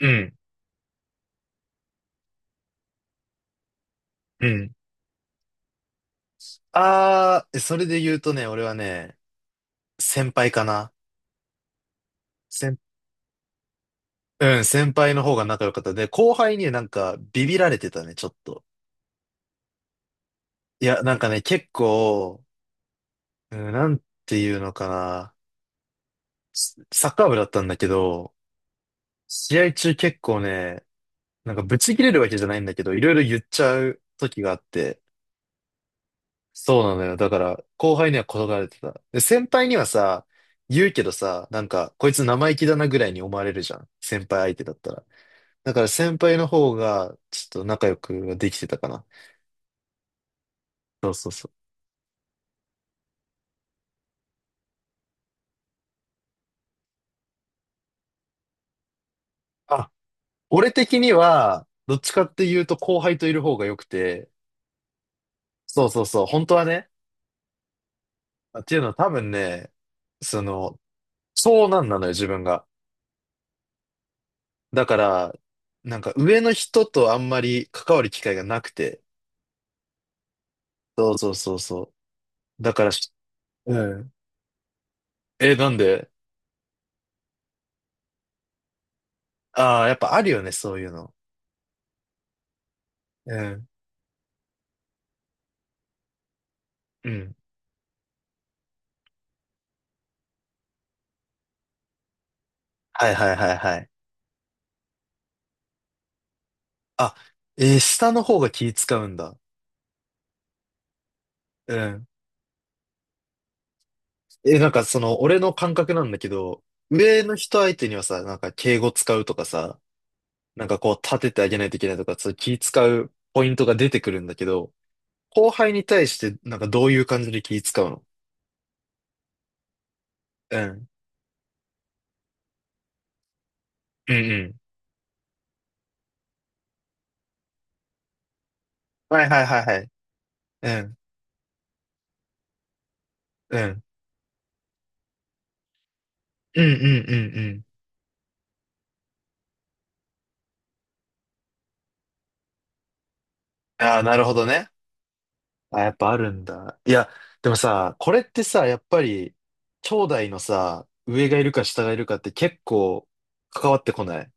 うん、うん。あー、それで言うとね、俺はね、先輩かな。先、うん、先輩の方が仲良かった。で、後輩にねなんかビビられてたね、ちょっと。いや、なんかね、結構、うん、なんていうのかな。スサッカー部だったんだけど、試合中結構ね、なんかブチ切れるわけじゃないんだけど、いろいろ言っちゃう時があって、そうなのよ。だから、後輩には転がれてた。で、先輩にはさ、言うけどさ、なんか、こいつ生意気だなぐらいに思われるじゃん。先輩相手だったら。だから先輩の方が、ちょっと仲良くはできてたかな。そうそうそう。あ、俺的には、どっちかっていうと後輩といる方が良くて、そうそうそう、本当はね。っていうのは多分ね、その、長男なのよ、自分が。だから、なんか上の人とあんまり関わる機会がなくて、そうそうそうそう。だからうん。え、なんで。ああー、やっぱあるよね、そういうの。うん。うん。はいはいはいはい。あ、えー、下の方が気使うんだ。うん。え、なんかその、俺の感覚なんだけど、上の人相手にはさ、なんか敬語使うとかさ、なんかこう立ててあげないといけないとか、そういう気使うポイントが出てくるんだけど、後輩に対してなんかどういう感じで気使うの？うん。うんうん。はいはいはいはい。うん。うん。うんうんうんうん。ああ、なるほどね。あ、やっぱあるんだ。いや、でもさ、これってさ、やっぱり、兄弟のさ、上がいるか下がいるかって結構関わってこない。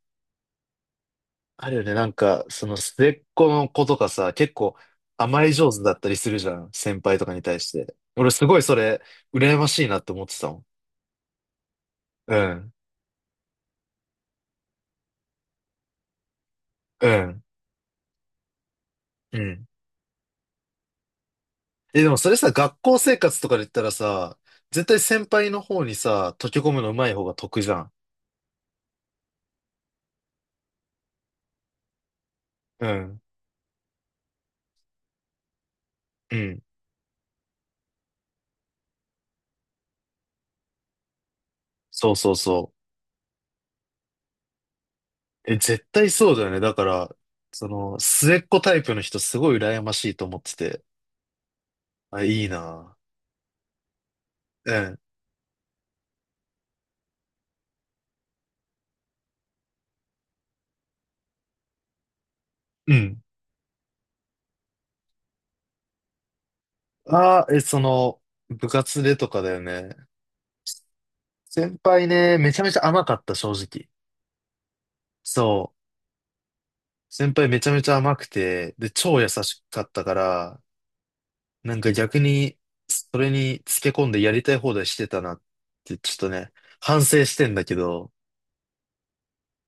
あるよね。なんか、その末っ子の子とかさ、結構甘え上手だったりするじゃん。先輩とかに対して。俺すごいそれ、羨ましいなって思ってたもん。うん。うん。うん。え、でもそれさ、学校生活とかで言ったらさ、絶対先輩の方にさ、溶け込むの上手い方が得じゃん。うん。うん。そうそうそう。え、絶対そうだよね。だから、末っ子タイプの人すごい羨ましいと思ってて。あ、いいな。うん。うん。ああ、え、部活でとかだよね。先輩ね、めちゃめちゃ甘かった、正直。そう。先輩めちゃめちゃ甘くて、で、超優しかったから、なんか逆に、それにつけ込んでやりたい放題してたなって、ちょっとね、反省してんだけど、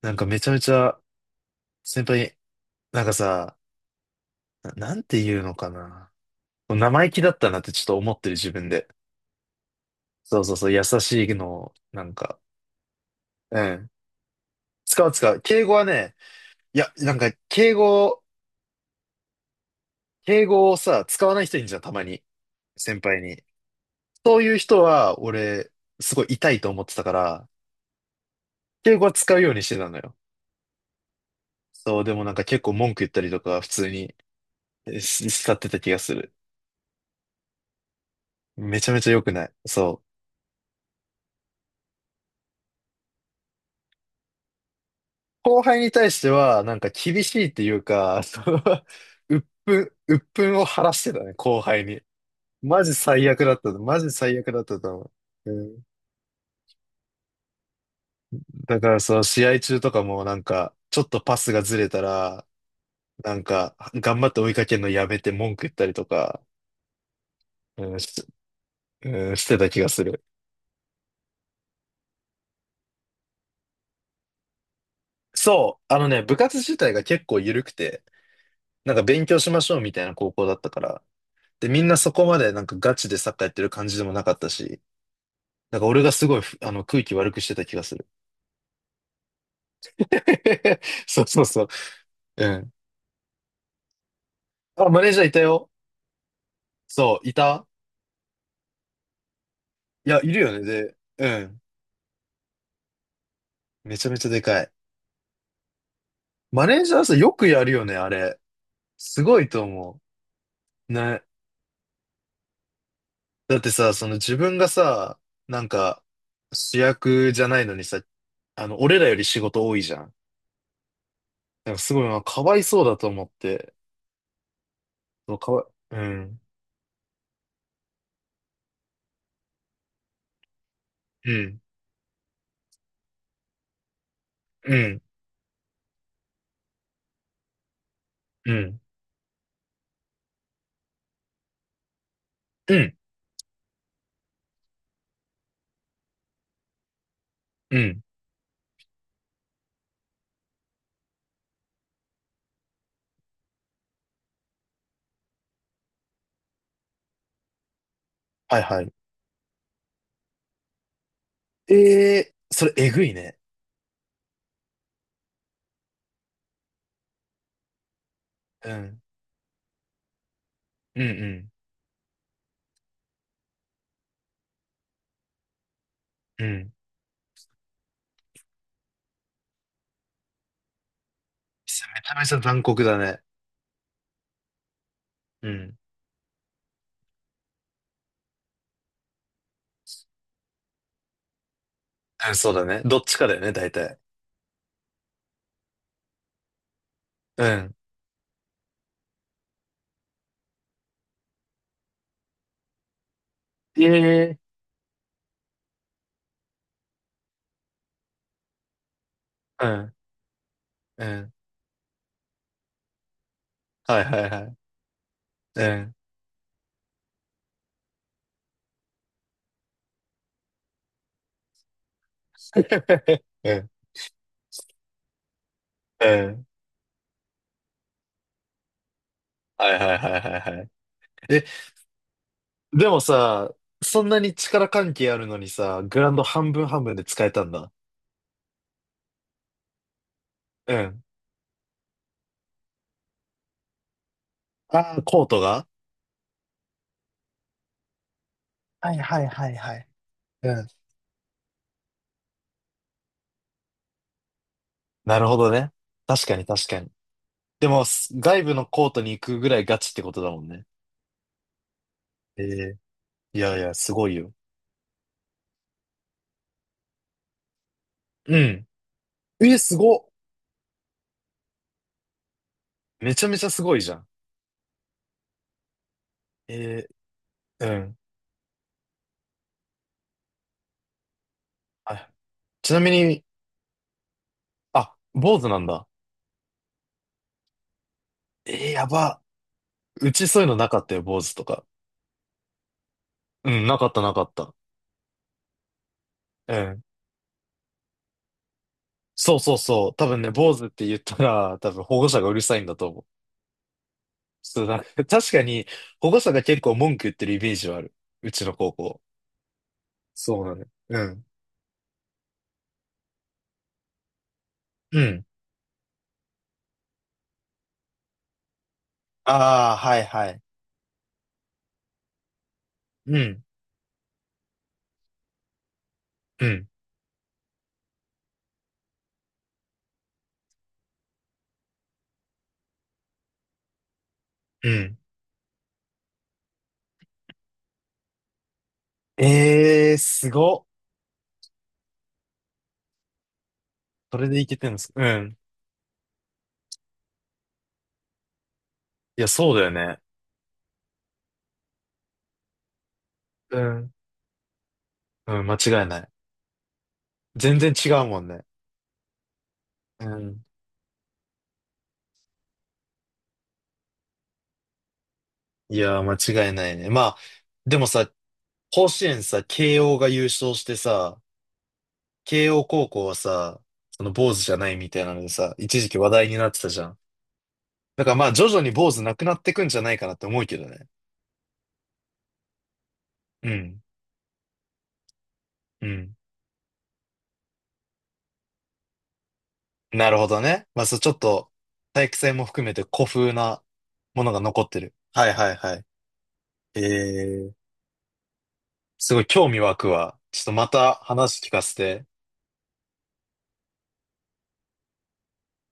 なんかめちゃめちゃ、先輩に、なんかさ、なんて言うのかな。生意気だったなってちょっと思ってる自分で。そうそうそう、優しいのを、なんか、うん。使う使う。敬語はね、いや、なんか、敬語をさ、使わない人いるじゃん、たまに。先輩に。そういう人は、俺、すごい痛いと思ってたから、敬語は使うようにしてたのよ。そう、でもなんか結構文句言ったりとか、普通にえし使ってた気がする。めちゃめちゃ良くない。そう。後輩に対しては、なんか厳しいっていうか、その 鬱憤を晴らしてたね、後輩に。マジ最悪だったマジ最悪だったと思う。うん、だからその試合中とかもなんか、ちょっとパスがずれたら、なんか、頑張って追いかけるのやめて文句言ったりとか、うん、し、うん、してた気がする。そう、あのね、部活自体が結構緩くて、なんか勉強しましょうみたいな高校だったから、で、みんなそこまでなんかガチでサッカーやってる感じでもなかったし、なんか俺がすごいふ、あの、空気悪くしてた気がする。そうそうそう。うん。あ、マネージャーいたよ。そう、いた。いや、いるよね。で、うん。めちゃめちゃでかい。マネージャーさ、よくやるよね、あれ。すごいと思う。ね。だってさ、その自分がさ、なんか、主役じゃないのにさ、あの、俺らより仕事多いじゃん。なんかすごいな、まあかわいそうだと思って。そうかわい、うん。うん。うん。うん。うん。うん。はいはい。ええー、それえぐいね。うん。うんうん。うん。めちゃめちゃ残酷だね。うん。うん、そうだね。どっちかだよね、大体。うん。ええ、うん、うん。はいはいはい。うん。うん、うん。はいはいはいはいはい。え、でもさ、そんなに力関係あるのにさ、グラウンド半分半分で使えたんだ。うん。ああ、コートが。はいはいはいはい。うん。なるほどね。確かに確かに。でも、す外部のコートに行くぐらいガチってことだもんね。ええ、いやいや、すごいよ。うん。え、すごっ。めちゃめちゃすごいじゃん。ええ、うん。あ、ちなみに、あ、坊主なんだ。えー、やば。うちそういうのなかったよ、坊主とか。うん、なかったなかった。うん。そうそうそう。多分ね、坊主って言ったら、多分保護者がうるさいんだと思う。そう、なんか、確かに保護者が結構文句言ってるイメージはある。うちの高校。そうなの、ね。うん。うん。ああ、はいはい。うん。うん。うん。ええー、すごっ。それでいけてるんですか？うん。いや、そうだよね。うん。うん、間違いない。全然違うもんね。うん。いやー、間違いないね。まあ、でもさ、甲子園さ、慶応が優勝してさ、慶応高校はさ、その坊主じゃないみたいなのでさ、一時期話題になってたじゃん。だからまあ、徐々に坊主なくなってくんじゃないかなって思うけどね。うん。うん。なるほどね。まあ、そう、ちょっと、体育祭も含めて古風なものが残ってる。はいはいはい。えー、すごい興味湧くわ。ちょっとまた話聞かせて。